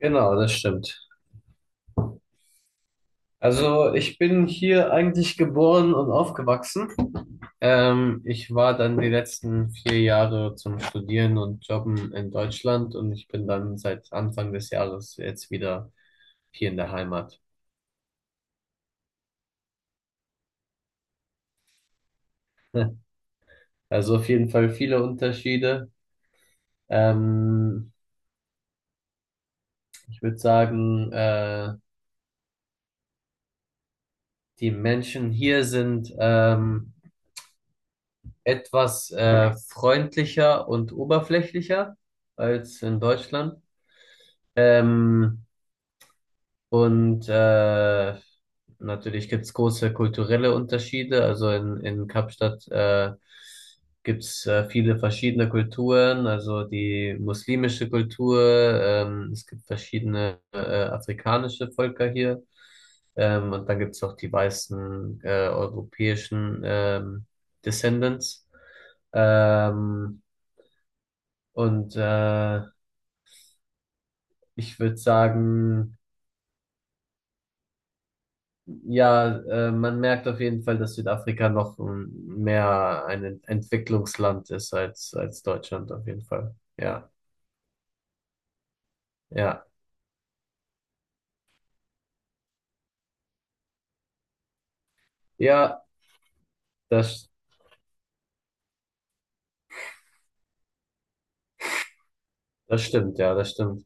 Genau, das stimmt. Also ich bin hier eigentlich geboren und aufgewachsen. Ich war dann die letzten vier Jahre zum Studieren und Jobben in Deutschland und ich bin dann seit Anfang des Jahres jetzt wieder hier in der Heimat. Also auf jeden Fall viele Unterschiede. Ähm, Ich würde sagen, die Menschen hier sind etwas freundlicher und oberflächlicher als in Deutschland. Ähm, Und natürlich gibt es große kulturelle Unterschiede. Also in Kapstadt gibt es viele verschiedene Kulturen, also die muslimische Kultur, es gibt verschiedene afrikanische Völker hier. Und dann gibt es auch die weißen europäischen Descendants. Ähm, und äh, Ich würde sagen, ja, man merkt auf jeden Fall, dass Südafrika noch mehr ein Entwicklungsland ist als Deutschland auf jeden Fall. Ja, ja, ja, das, das stimmt, ja, das stimmt.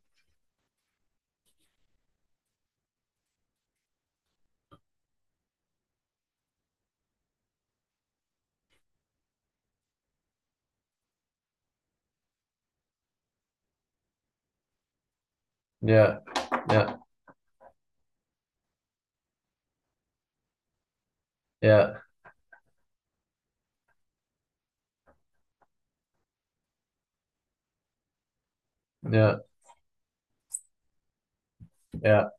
Ja, ja, ja, ja, ja,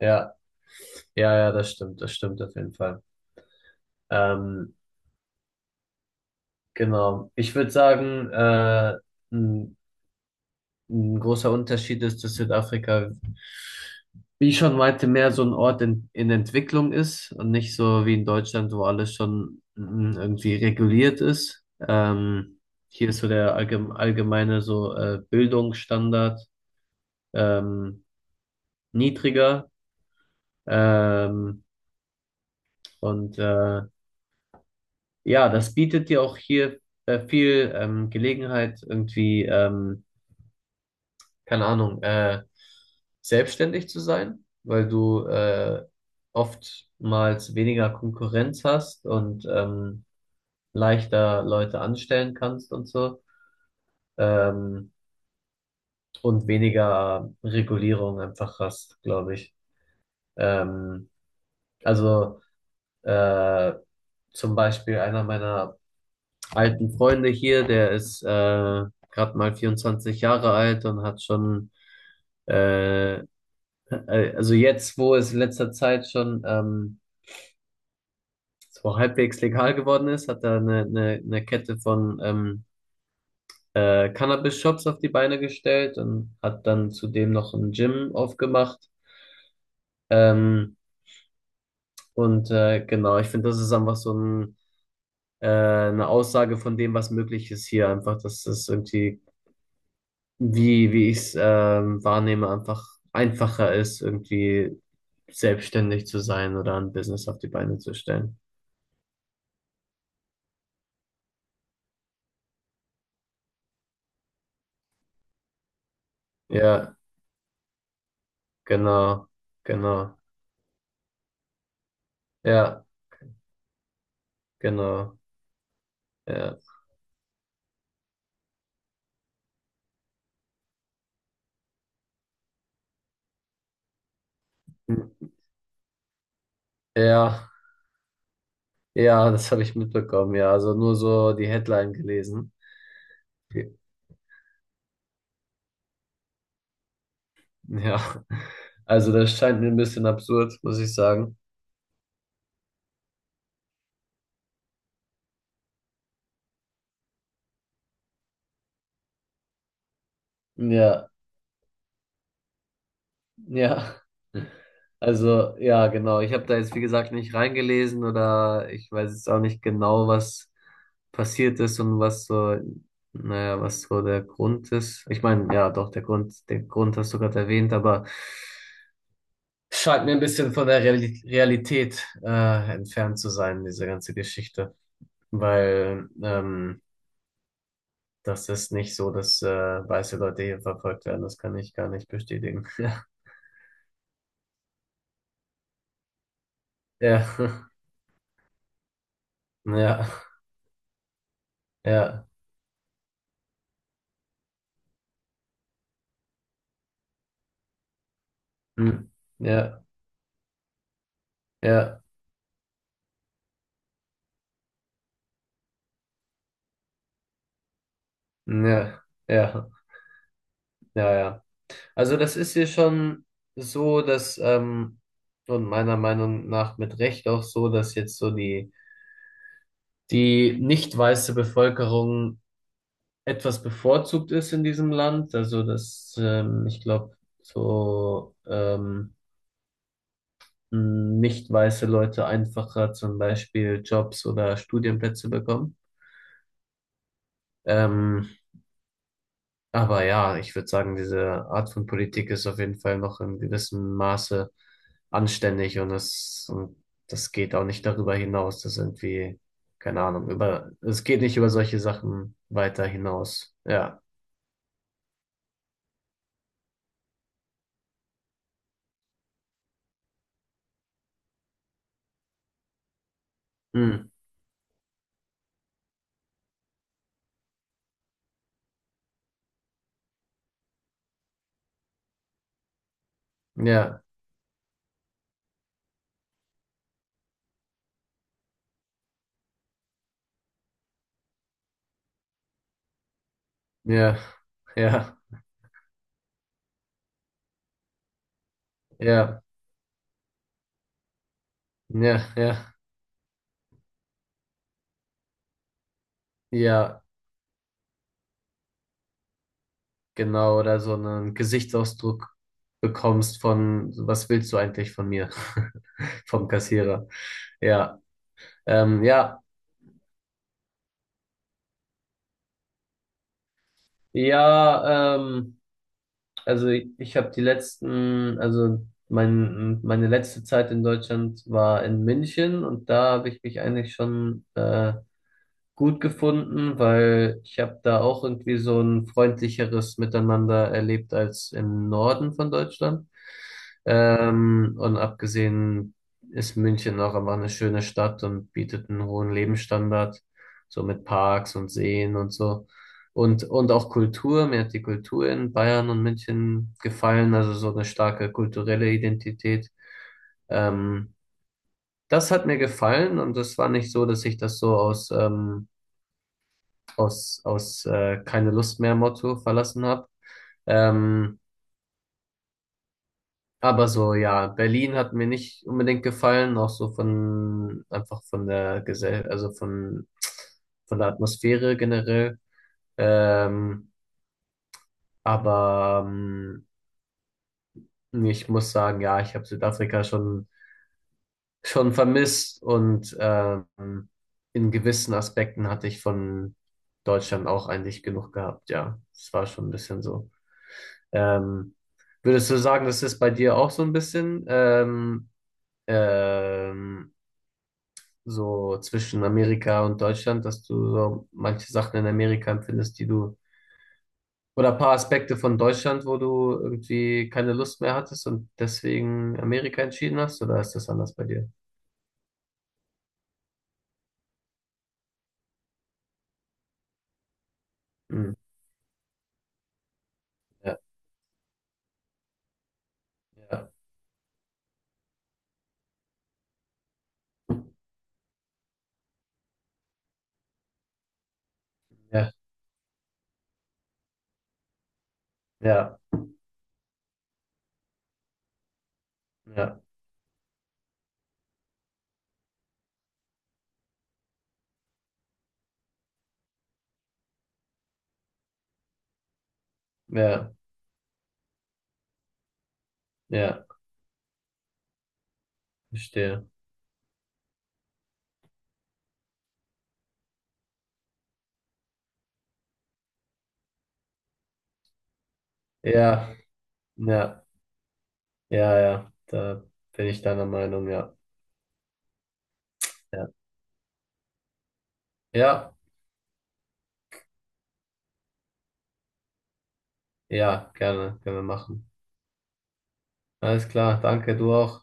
ja, ja, ja, das stimmt auf jeden Fall. Ähm, genau. Ich würde sagen, ein großer Unterschied ist, dass Südafrika, wie ich schon meinte, mehr so ein Ort in Entwicklung ist und nicht so wie in Deutschland, wo alles schon irgendwie reguliert ist. Hier ist so der allgemeine so Bildungsstandard ähm, niedriger. Ähm, und äh, ja, das bietet dir auch hier viel Gelegenheit, irgendwie keine Ahnung, selbstständig zu sein, weil du oftmals weniger Konkurrenz hast und leichter Leute anstellen kannst und so ähm, und weniger Regulierung einfach hast, glaube ich. Ähm, also äh, zum Beispiel einer meiner alten Freunde hier, der ist gerade mal 24 Jahre alt und hat schon äh, Also jetzt, wo es in letzter Zeit schon so halbwegs legal geworden ist, hat er eine Kette von Cannabis-Shops auf die Beine gestellt und hat dann zudem noch ein Gym aufgemacht. Ähm, genau, ich finde, das ist einfach so ein, eine Aussage von dem, was möglich ist hier. Einfach, dass das irgendwie, wie ich es wahrnehme, einfach einfacher ist, irgendwie selbstständig zu sein oder ein Business auf die Beine zu stellen. Ja. Genau, genau. Ja, genau. Ja. Hm. Ja, ja, das habe ich mitbekommen, ja. Also nur so die Headline gelesen. Ja. Also das scheint mir ein bisschen absurd, muss ich sagen. Ja, ja. Also, ja, genau. Ich habe da jetzt, wie gesagt, nicht reingelesen oder ich weiß jetzt auch nicht genau, was passiert ist und was so, naja, was so der Grund ist. Ich meine, ja, doch, der Grund, den Grund hast du gerade erwähnt, aber scheint mir ein bisschen von der Realität entfernt zu sein, diese ganze Geschichte. Weil das ist nicht so, dass weiße Leute hier verfolgt werden. Das kann ich gar nicht bestätigen. Ja, ja, ja, ja, hm, ja, ja, ja, ja, ja, ja. Also das ist hier schon so, dass und meiner Meinung nach mit Recht auch so, dass jetzt so die die nicht weiße Bevölkerung etwas bevorzugt ist in diesem Land. Also, dass ich glaube, so nicht weiße Leute einfacher zum Beispiel Jobs oder Studienplätze bekommen. Ähm, aber ja, ich würde sagen, diese Art von Politik ist auf jeden Fall noch in gewissem Maße anständig und das geht auch nicht darüber hinaus. Das ist irgendwie, keine Ahnung, es geht nicht über solche Sachen weiter hinaus. Ja. Hm. Ja, ja, ja. Ja, ja, ja, ja, genau, oder so einen Gesichtsausdruck bekommst von, was willst du eigentlich von mir? Vom Kassierer. Ja, ja, ja, also ich habe die letzten, also mein, meine letzte Zeit in Deutschland war in München und da habe ich mich eigentlich schon gut gefunden, weil ich habe da auch irgendwie so ein freundlicheres Miteinander erlebt als im Norden von Deutschland. Und abgesehen ist München auch einfach eine schöne Stadt und bietet einen hohen Lebensstandard, so mit Parks und Seen und so. Und auch Kultur, mir hat die Kultur in Bayern und München gefallen, also so eine starke kulturelle Identität. Ähm, Das hat mir gefallen und das war nicht so, dass ich das so aus, keine Lust mehr Motto verlassen habe. Ähm, aber so, ja, Berlin hat mir nicht unbedingt gefallen, auch so von, einfach von der Gesell, also von der Atmosphäre generell. Ähm, aber ähm, Ich muss sagen, ja, ich habe Südafrika schon vermisst und in gewissen Aspekten hatte ich von Deutschland auch eigentlich genug gehabt. Ja, es war schon ein bisschen so. Ähm, Würdest du sagen, das ist bei dir auch so ein bisschen ähm, so zwischen Amerika und Deutschland, dass du so manche Sachen in Amerika empfindest, die du oder ein paar Aspekte von Deutschland, wo du irgendwie keine Lust mehr hattest und deswegen Amerika entschieden hast? Oder ist das anders bei dir? Hm, ja, ja, ja, ja, ja, ja, ja, verstehe. Ja, ja, ja, ja, da bin ich deiner Meinung, ja. Ja, ja, ja, gerne, können wir machen. Alles klar, danke, du auch.